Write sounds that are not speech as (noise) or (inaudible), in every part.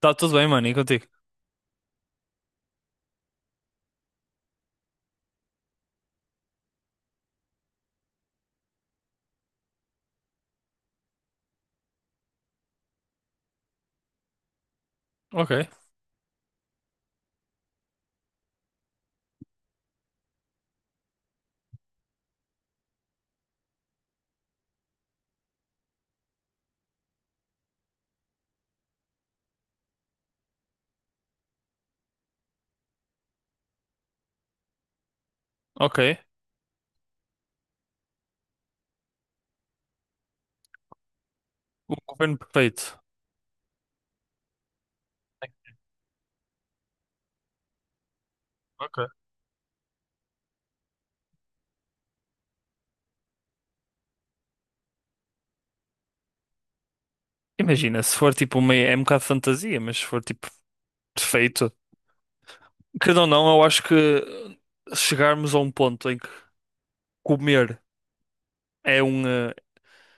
Tá tudo bem, mano, e contigo? Ok, ok. O governo perfeito. Ok. Imagina, se for tipo uma. É um bocado de fantasia, mas se for tipo perfeito. Querendo ou não, eu acho que chegarmos a um ponto em que comer é um,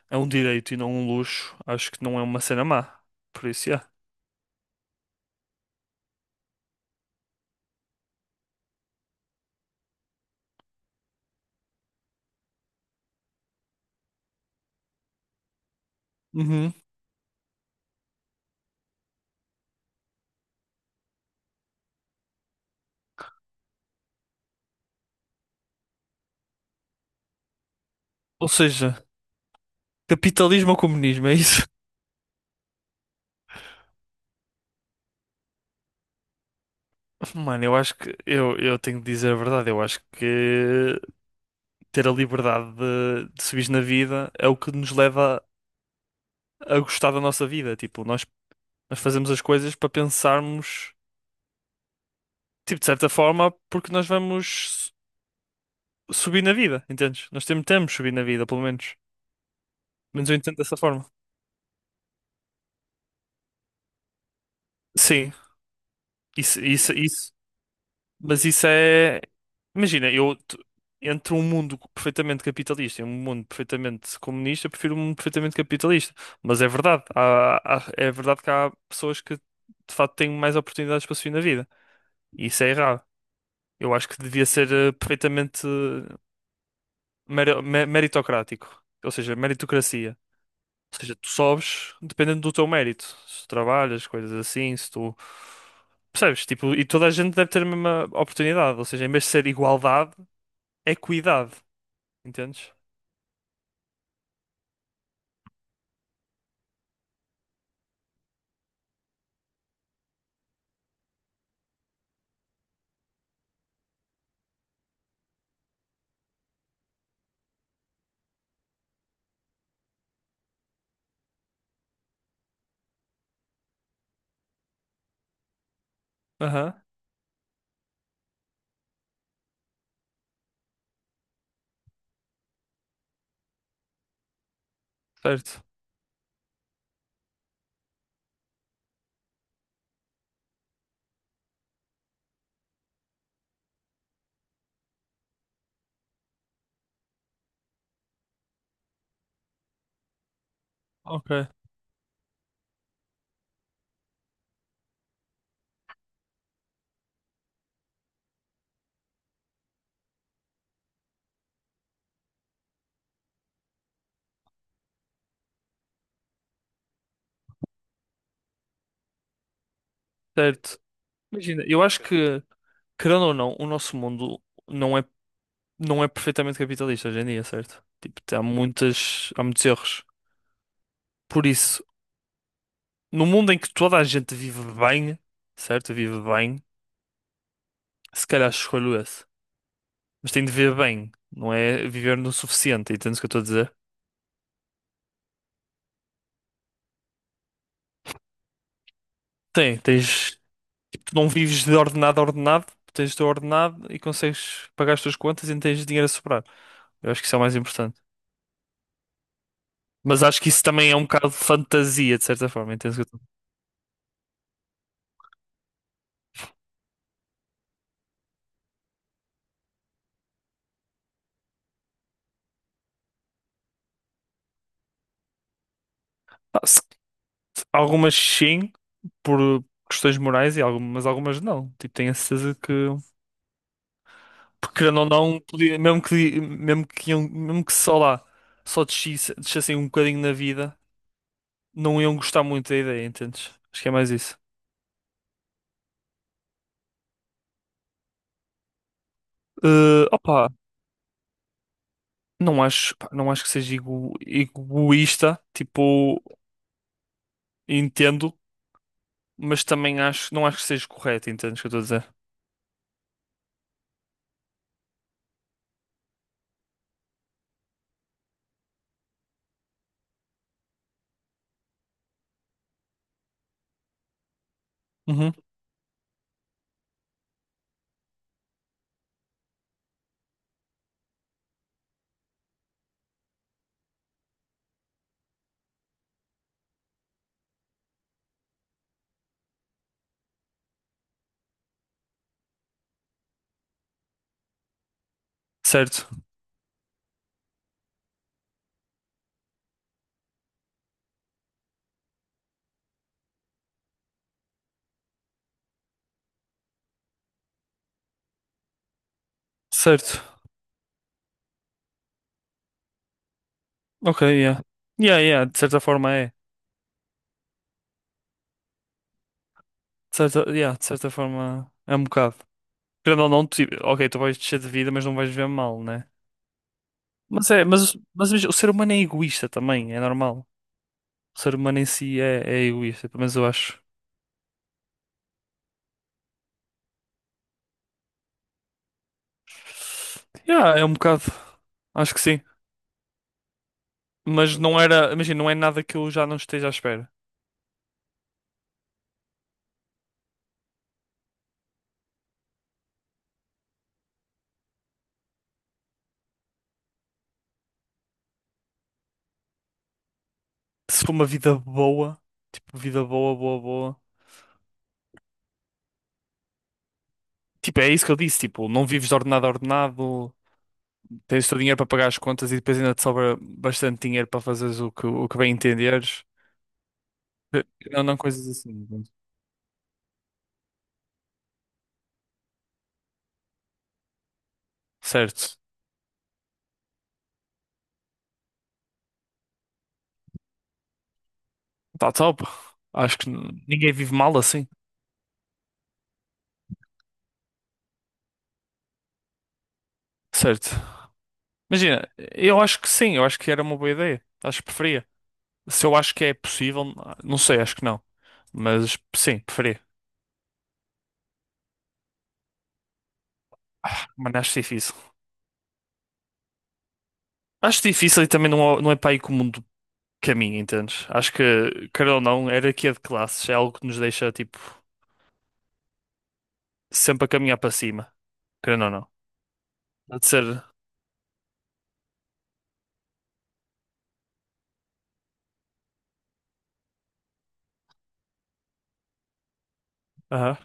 é um direito e não um luxo, acho que não é uma cena má. Por isso, é. Uhum. Ou seja, capitalismo ou comunismo, é isso? (laughs) Mano, eu acho que. Eu tenho de dizer a verdade, eu acho que ter a liberdade de subir na vida é o que nos leva a gostar da nossa vida. Tipo, nós fazemos as coisas para pensarmos, tipo, de certa forma, porque nós vamos subir na vida, entendes? Nós temos, temos subir na vida, pelo menos. Menos eu entendo dessa forma. Sim, isso, isso, isso. Mas isso é. Imagina, entre um mundo perfeitamente capitalista e um mundo perfeitamente comunista, eu prefiro um mundo perfeitamente capitalista. Mas é verdade, é verdade que há pessoas que de facto têm mais oportunidades para subir na vida. E isso é errado. Eu acho que devia ser perfeitamente meritocrático, ou seja, meritocracia. Ou seja, tu sobes dependendo do teu mérito. Se tu trabalhas, coisas assim, se tu. Percebes? Tipo, e toda a gente deve ter a mesma oportunidade. Ou seja, em vez de ser igualdade, é equidade. Entendes? Aham, certo. Ok, certo. Imagina, eu acho que, querendo ou não, o nosso mundo não é, não é perfeitamente capitalista hoje em dia, certo? Tipo, há muitas, há muitos erros. Por isso, no mundo em que toda a gente vive bem, certo? Vive bem. Se calhar escolho esse. Mas tem de ver bem, não é viver no suficiente, entendes o que eu estou a dizer? Tem, tens. Tu não vives de ordenado a ordenado, tu tens de ordenado e consegues pagar as tuas contas e não tens dinheiro a sobrar. Eu acho que isso é o mais importante. Mas acho que isso também é um bocado de fantasia, de certa forma, entendes o que eu estou a dizer? Algumas sim, por questões morais, e algumas, mas algumas não. Tipo, tenho a certeza que. Porque querendo ou não, podia, mesmo que só lá, descessem um bocadinho na vida. Não iam gostar muito da ideia, entendes? Acho que é mais isso. Eh, opa, não acho, pá, não acho que seja egoísta, tipo, entendo, mas também acho, não acho que seja correto, entendes o que eu estou a dizer? Uhum. Certo, certo. Ok, yeah. Yeah, yeah, de certa forma é. De certa, yeah, de certa forma é um bocado. Querendo ou não, tipo, ok, tu vais descer de vida, mas não vais viver mal, né? Mas o ser humano é egoísta também, é normal. O ser humano em si é egoísta, pelo menos eu acho. Yeah, é um bocado. Acho que sim. Mas não era. Imagina, não é nada que eu já não esteja à espera. Se for uma vida boa, tipo, vida boa, boa, boa. Tipo, é isso que eu disse, tipo, não vives de ordenado a ordenado, tens o teu dinheiro para pagar as contas e depois ainda te sobra bastante dinheiro para fazeres o que bem entenderes. Eh, Não, não coisas assim, pronto. Certo. Tá top. Acho que ninguém vive mal assim. Certo. Imagina, eu acho que sim, eu acho que era uma boa ideia. Acho que preferia. Se eu acho que é possível, não sei, acho que não. Mas sim, preferia. Mas acho difícil. Acho difícil e também não é para aí que o mundo caminha, entendes? Acho que, quer ou não, hierarquia de classes é algo que nos deixa, tipo, sempre a caminhar para cima. Querendo ou não. Pode ser. Aham.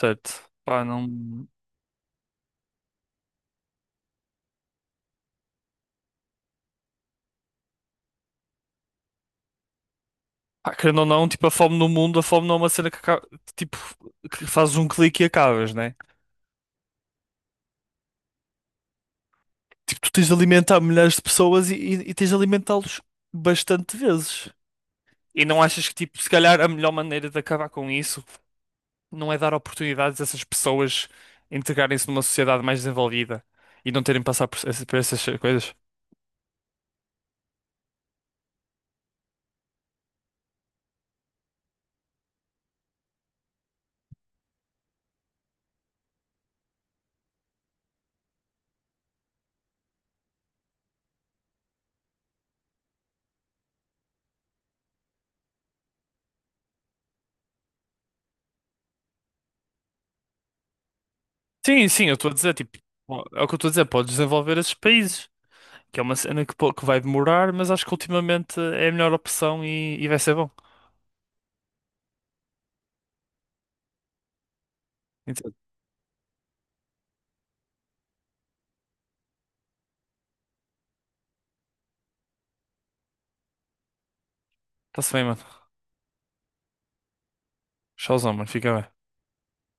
Certo. Pá, não. Pá, querendo ou não, tipo, a fome no mundo, a fome não é uma cena que acaba, tipo, que fazes um clique e acabas, né? Tipo, tu tens de alimentar milhares de pessoas e tens de alimentá-los bastante vezes. E não achas que, tipo, se calhar a melhor maneira de acabar com isso não é dar oportunidades a essas pessoas integrarem-se numa sociedade mais desenvolvida e não terem de passar por, por essas coisas? Sim, sim, eu estou a dizer, tipo, é o que eu estou a dizer, podes desenvolver esses países, que é uma cena que, que vai demorar, mas acho que ultimamente é a melhor opção e vai ser bom. Então, tá se bem, mano. Tchauzão, mano. Fica bem.